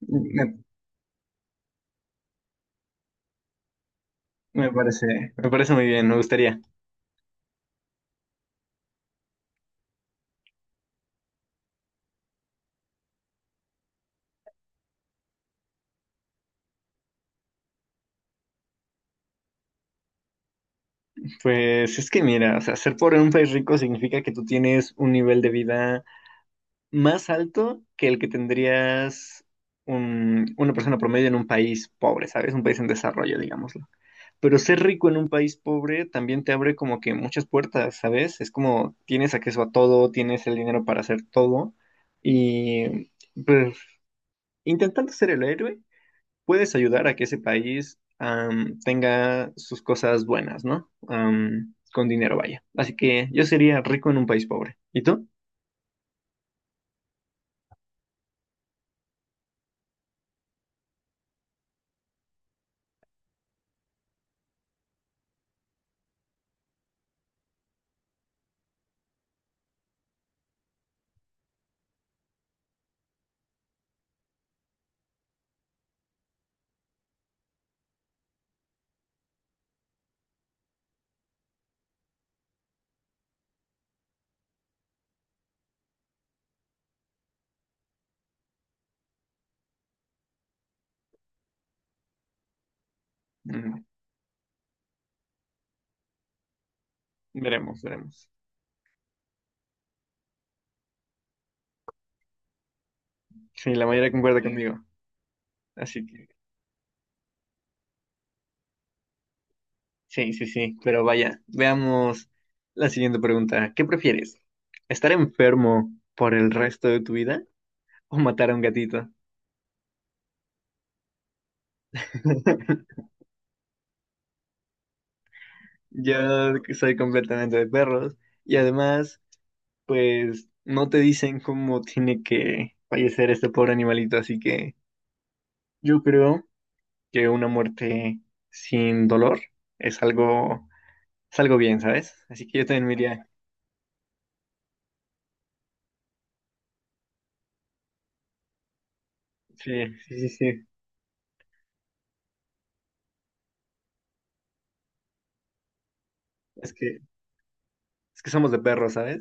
Me, me me parece muy bien, me gustaría. Pues es que mira, o sea, ser pobre en un país rico significa que tú tienes un nivel de vida más alto que el que tendrías una persona promedio en un país pobre, ¿sabes? Un país en desarrollo, digámoslo. Pero ser rico en un país pobre también te abre como que muchas puertas, ¿sabes? Es como tienes acceso a todo, tienes el dinero para hacer todo y pues intentando ser el héroe. Puedes ayudar a que ese país tenga sus cosas buenas, ¿no? Con dinero, vaya. Así que yo sería rico en un país pobre. ¿Y tú? Mm, veremos, veremos. Sí, la mayoría concuerda sí conmigo. Así que sí, sí, sí. Pero vaya, veamos la siguiente pregunta. ¿Qué prefieres? ¿Estar enfermo por el resto de tu vida o matar a un gatito? Yo soy completamente de perros y además, pues no te dicen cómo tiene que fallecer este pobre animalito, así que yo creo que una muerte sin dolor es algo, es algo bien, ¿sabes? Así que yo también me iría, sí, sí, sí, sí, es que, es que somos de perros, ¿sabes?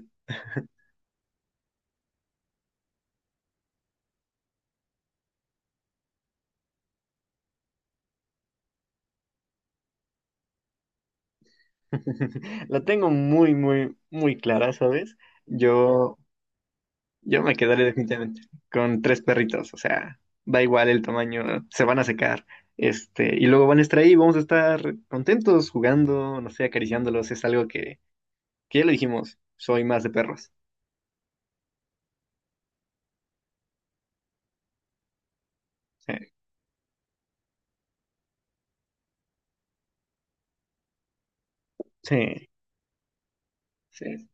La tengo muy, muy, muy clara, ¿sabes? Yo Yo me quedaré definitivamente con tres perritos, o sea, da igual el tamaño, se van a secar, este, y luego van a estar ahí, vamos a estar contentos jugando, no sé, acariciándolos, es algo que ya lo dijimos, soy más de perros. Sí, sí, sí.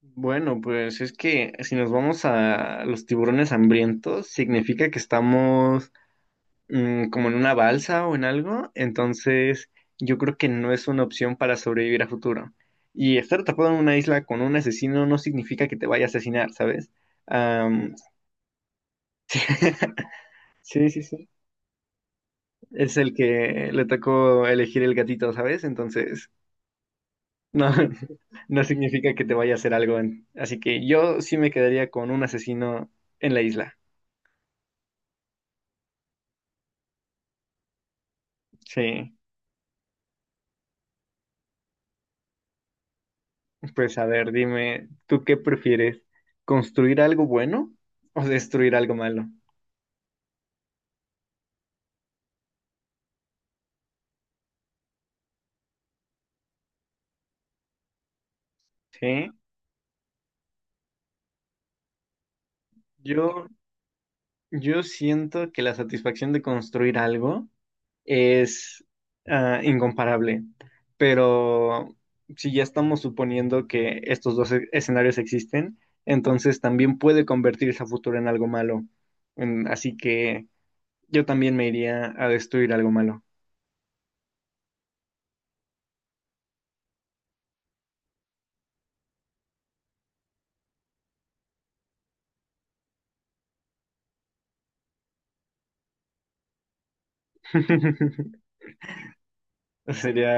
Bueno, pues es que si nos vamos a los tiburones hambrientos, significa que estamos como en una balsa o en algo, entonces yo creo que no es una opción para sobrevivir a futuro. Y estar atrapado en una isla con un asesino no significa que te vaya a asesinar, ¿sabes? Am, sí, sí, sí. Es el que le tocó elegir el gatito, ¿sabes? Entonces, no, no significa que te vaya a hacer algo. Así que yo sí me quedaría con un asesino en la isla. Sí, pues a ver, dime, ¿tú qué prefieres? ¿Construir algo bueno o destruir algo malo? Sí, yo, yo siento que la satisfacción de construir algo es incomparable, pero si ya estamos suponiendo que estos dos escenarios existen, entonces también puede convertirse a futuro en algo malo. Mm, así que yo también me iría a destruir algo malo. Sería,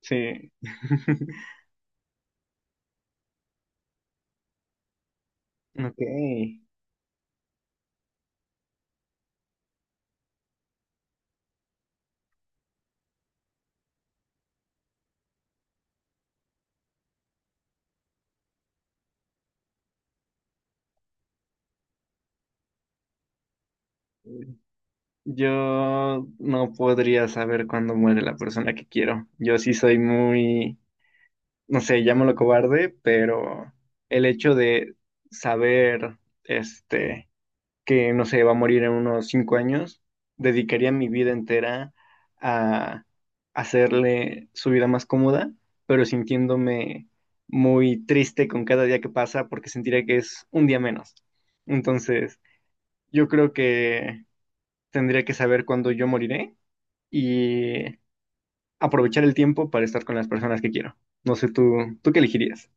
sí. Ok. Yo no podría saber cuándo muere la persona que quiero. Yo sí soy muy, no sé, llámalo cobarde, pero el hecho de saber, este, que no sé, va a morir en unos 5 años, dedicaría mi vida entera a hacerle su vida más cómoda, pero sintiéndome muy triste con cada día que pasa porque sentiría que es un día menos. Entonces, yo creo que tendría que saber cuándo yo moriré y aprovechar el tiempo para estar con las personas que quiero. No sé, ¿tú qué elegirías?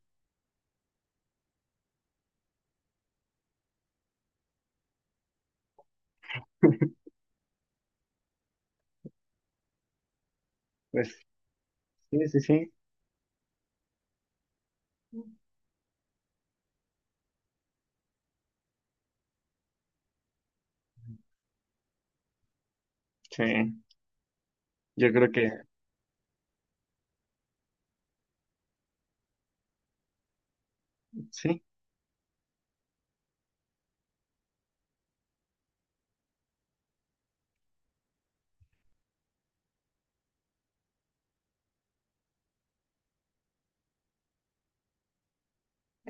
Pues, sí, sí, sí. Sí, yo creo que sí.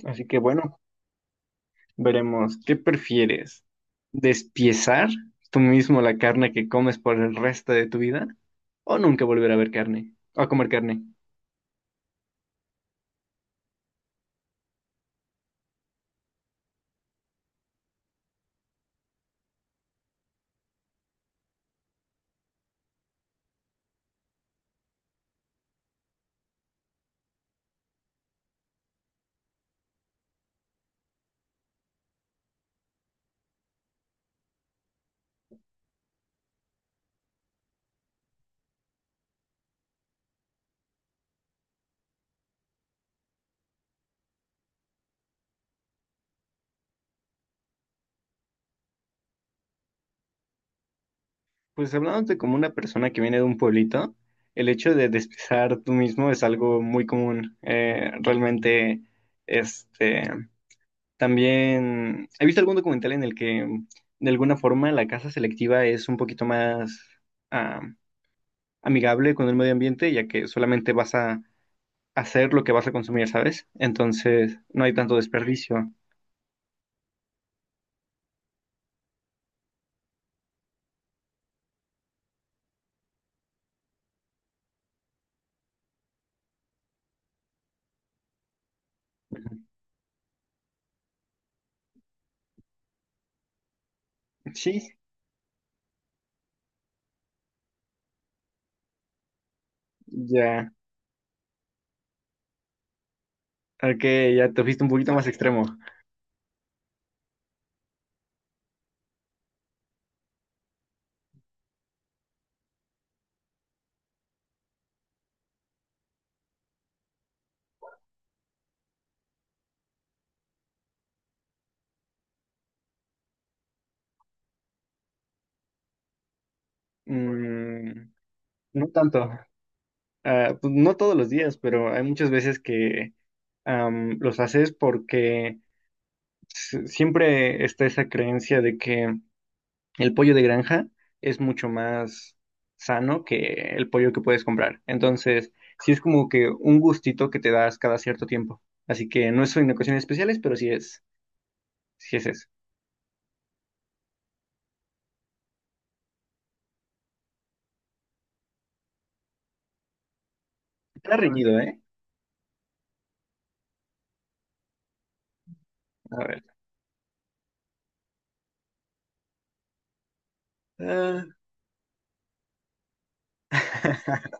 Así que bueno, veremos. ¿Qué prefieres? ¿Despiezar tú mismo la carne que comes por el resto de tu vida? ¿O nunca volver a ver carne? ¿O a comer carne? Pues hablándote como una persona que viene de un pueblito, el hecho de despiezar tú mismo es algo muy común. Realmente, este, también he visto algún documental en el que de alguna forma la caza selectiva es un poquito más amigable con el medio ambiente, ya que solamente vas a hacer lo que vas a consumir, ¿sabes? Entonces, no hay tanto desperdicio. Sí, ya. Ok, ya te fuiste un poquito más extremo. Mm, no tanto. Ah, pues no todos los días, pero hay muchas veces que los haces porque siempre está esa creencia de que el pollo de granja es mucho más sano que el pollo que puedes comprar. Entonces, sí es como que un gustito que te das cada cierto tiempo. Así que no es en ocasiones especiales, sí es eso. Está reñido, ¿eh? A ver. Ah,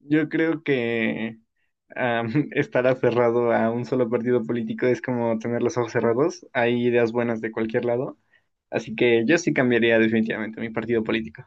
yo creo que estar aferrado a un solo partido político es como tener los ojos cerrados. Hay ideas buenas de cualquier lado. Así que yo sí cambiaría definitivamente mi partido político.